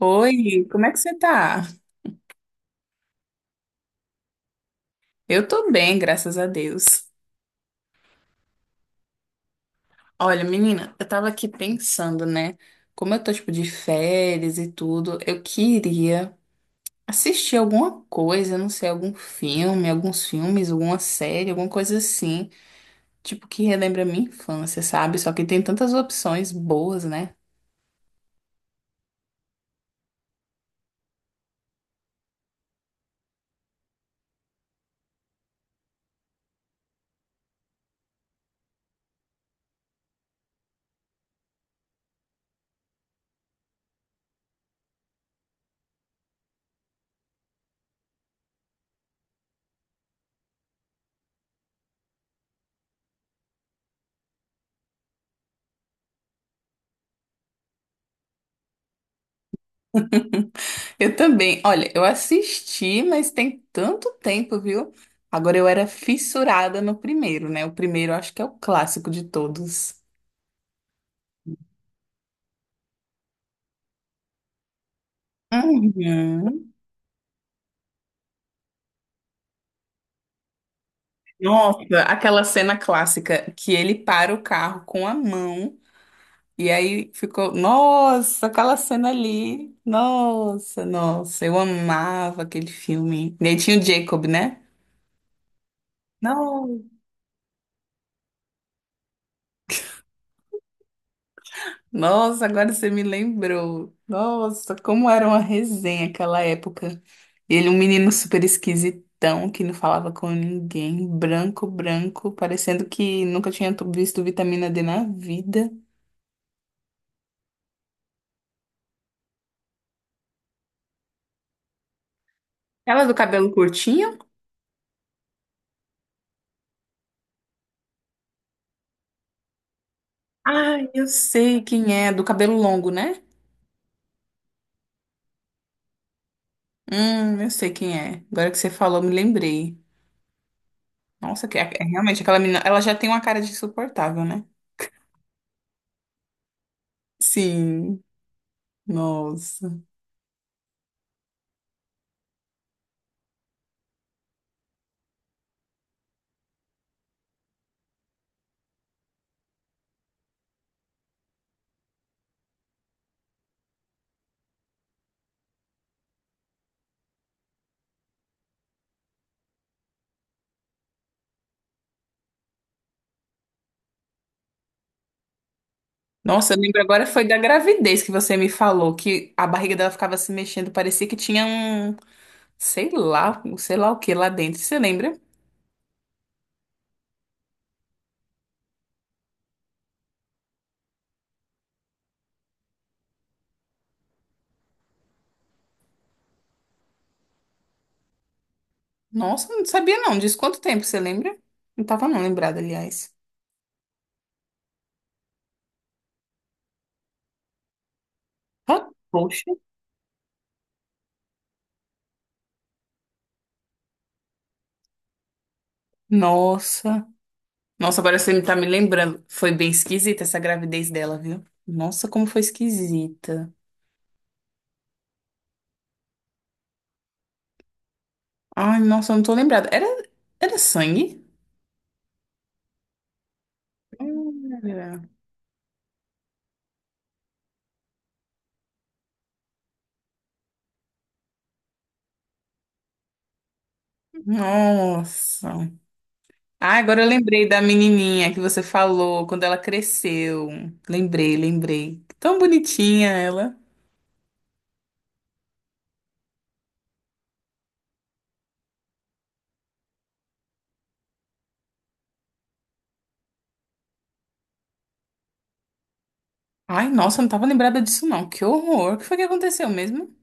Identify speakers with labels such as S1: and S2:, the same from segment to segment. S1: Oi, como é que você tá? Eu tô bem, graças a Deus. Olha, menina, eu tava aqui pensando, né? Como eu tô, tipo, de férias e tudo, eu queria assistir alguma coisa, não sei, algum filme, alguns filmes, alguma série, alguma coisa assim, tipo, que relembra a minha infância, sabe? Só que tem tantas opções boas, né? Eu também. Olha, eu assisti, mas tem tanto tempo, viu? Agora eu era fissurada no primeiro, né? O primeiro eu acho que é o clássico de todos. Uhum. Nossa, aquela cena clássica que ele para o carro com a mão e aí ficou, nossa, aquela cena ali. Nossa, nossa, eu amava aquele filme. E aí tinha o Jacob, né? Nossa. Nossa, agora você me lembrou. Nossa, como era uma resenha aquela época. Ele, um menino super esquisitão que não falava com ninguém, branco, branco, parecendo que nunca tinha visto vitamina D na vida. Ela do cabelo curtinho? Ai, eu sei quem é, do cabelo longo, né? Eu sei quem é. Agora que você falou, me lembrei. Nossa, que é realmente aquela menina, ela já tem uma cara de insuportável, né? Sim, nossa. Nossa, eu lembro agora foi da gravidez que você me falou, que a barriga dela ficava se mexendo, parecia que tinha um sei lá o que lá dentro. Você lembra? Nossa, não sabia não. Diz quanto tempo, você lembra? Não tava não lembrada, aliás. Ah, poxa. Nossa. Nossa, agora você tá me lembrando. Foi bem esquisita essa gravidez dela, viu? Nossa, como foi esquisita. Ai, nossa, eu não tô lembrada. Era sangue? Era. Nossa. Ah, agora eu lembrei da menininha que você falou quando ela cresceu. Lembrei, lembrei. Tão bonitinha ela. Ai, nossa, eu não tava lembrada disso não. Que horror. O que foi que aconteceu mesmo?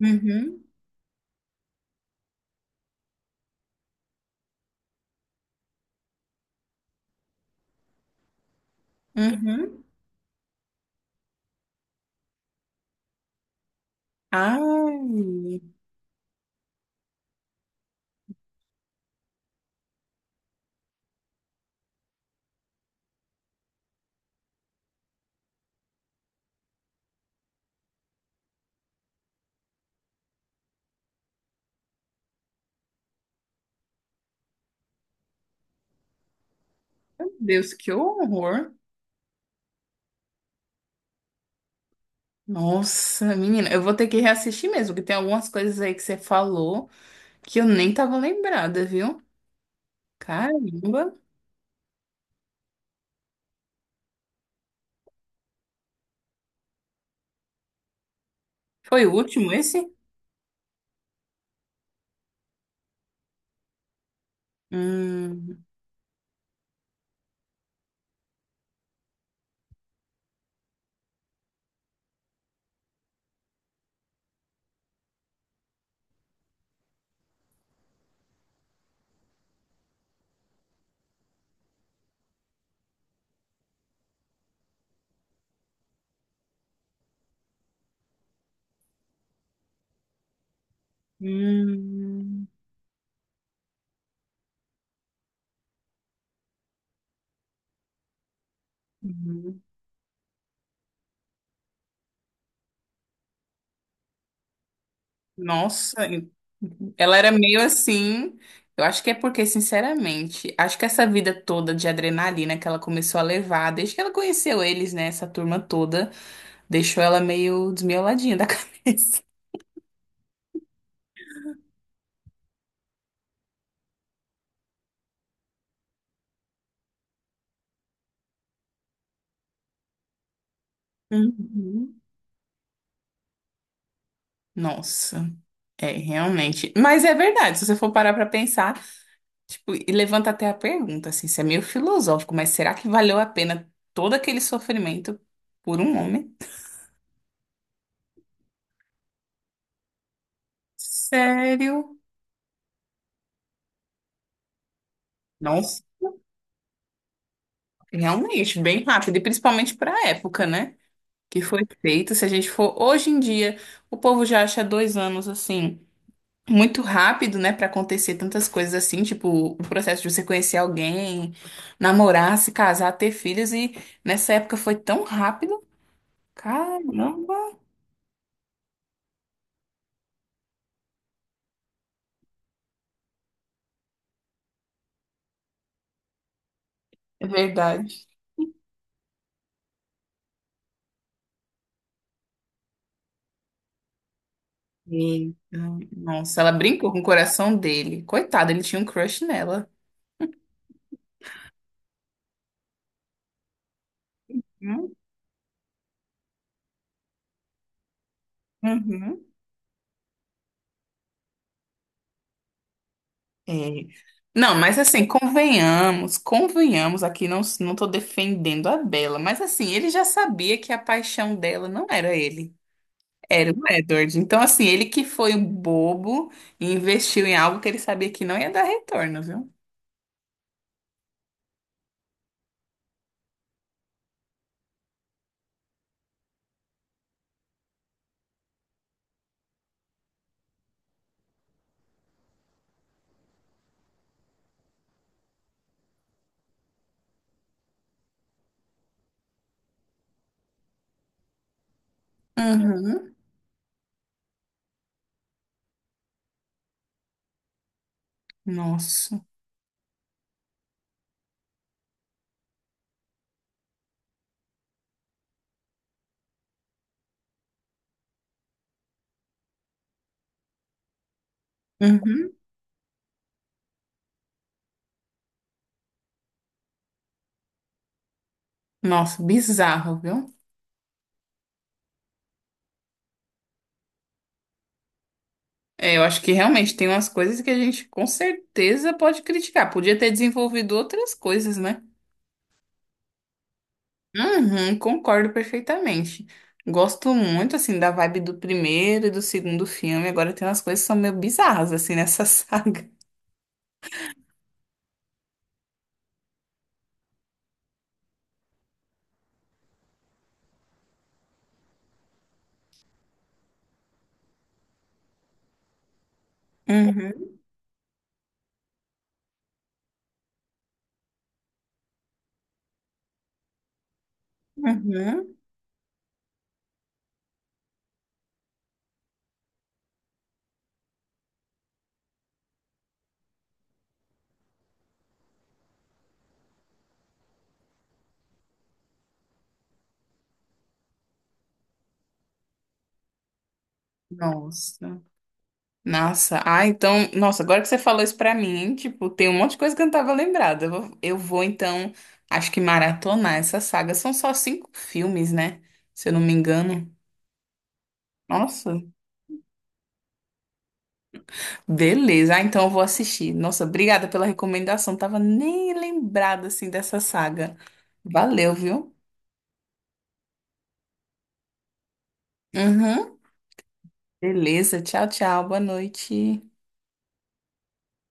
S1: Uhum, uhum. Ai, meu Deus, que horror. Nossa, menina, eu vou ter que reassistir mesmo, que tem algumas coisas aí que você falou que eu nem tava lembrada, viu? Caramba. Foi o último esse? Hum, hum. Uhum. Nossa, ela era meio assim. Eu acho que é porque, sinceramente, acho que essa vida toda de adrenalina que ela começou a levar, desde que ela conheceu eles, né, essa turma toda, deixou ela meio desmioladinha da cabeça. Uhum. Nossa, é realmente. Mas é verdade, se você for parar pra pensar, tipo, e levanta até a pergunta, assim, isso é meio filosófico, mas será que valeu a pena todo aquele sofrimento por um homem? Sério? Nossa. Realmente, bem rápido, e principalmente para a época, né? Que foi feito. Se a gente for hoje em dia, o povo já acha 2 anos assim, muito rápido, né? Para acontecer tantas coisas assim, tipo o processo de você conhecer alguém, namorar, se casar, ter filhos, e nessa época foi tão rápido. Caramba! É verdade. E, nossa, ela brincou com o coração dele. Coitado, ele tinha um crush nela. Hum. Uhum. É. Não, mas assim, convenhamos, convenhamos, aqui não, não tô defendendo a Bela, mas assim, ele já sabia que a paixão dela não era ele, era o Edward. Então, assim, ele que foi um bobo e investiu em algo que ele sabia que não ia dar retorno, viu? Uhum. Nossa. Uhum. Nossa, bizarro, viu? É, eu acho que realmente tem umas coisas que a gente com certeza pode criticar. Podia ter desenvolvido outras coisas, né? Uhum, concordo perfeitamente. Gosto muito, assim, da vibe do primeiro e do segundo filme. Agora tem umas coisas que são meio bizarras, assim, nessa saga. Uhum, uhum. Nossa. Nossa. Ah, então... Nossa, agora que você falou isso pra mim, tipo, tem um monte de coisa que eu não tava lembrada. Eu vou, então, acho que maratonar essa saga. São só cinco filmes, né? Se eu não me engano. Nossa, beleza, ah, então eu vou assistir. Nossa, obrigada pela recomendação. Tava nem lembrada assim dessa saga. Valeu, viu? Uhum. Beleza, tchau, tchau. Boa noite.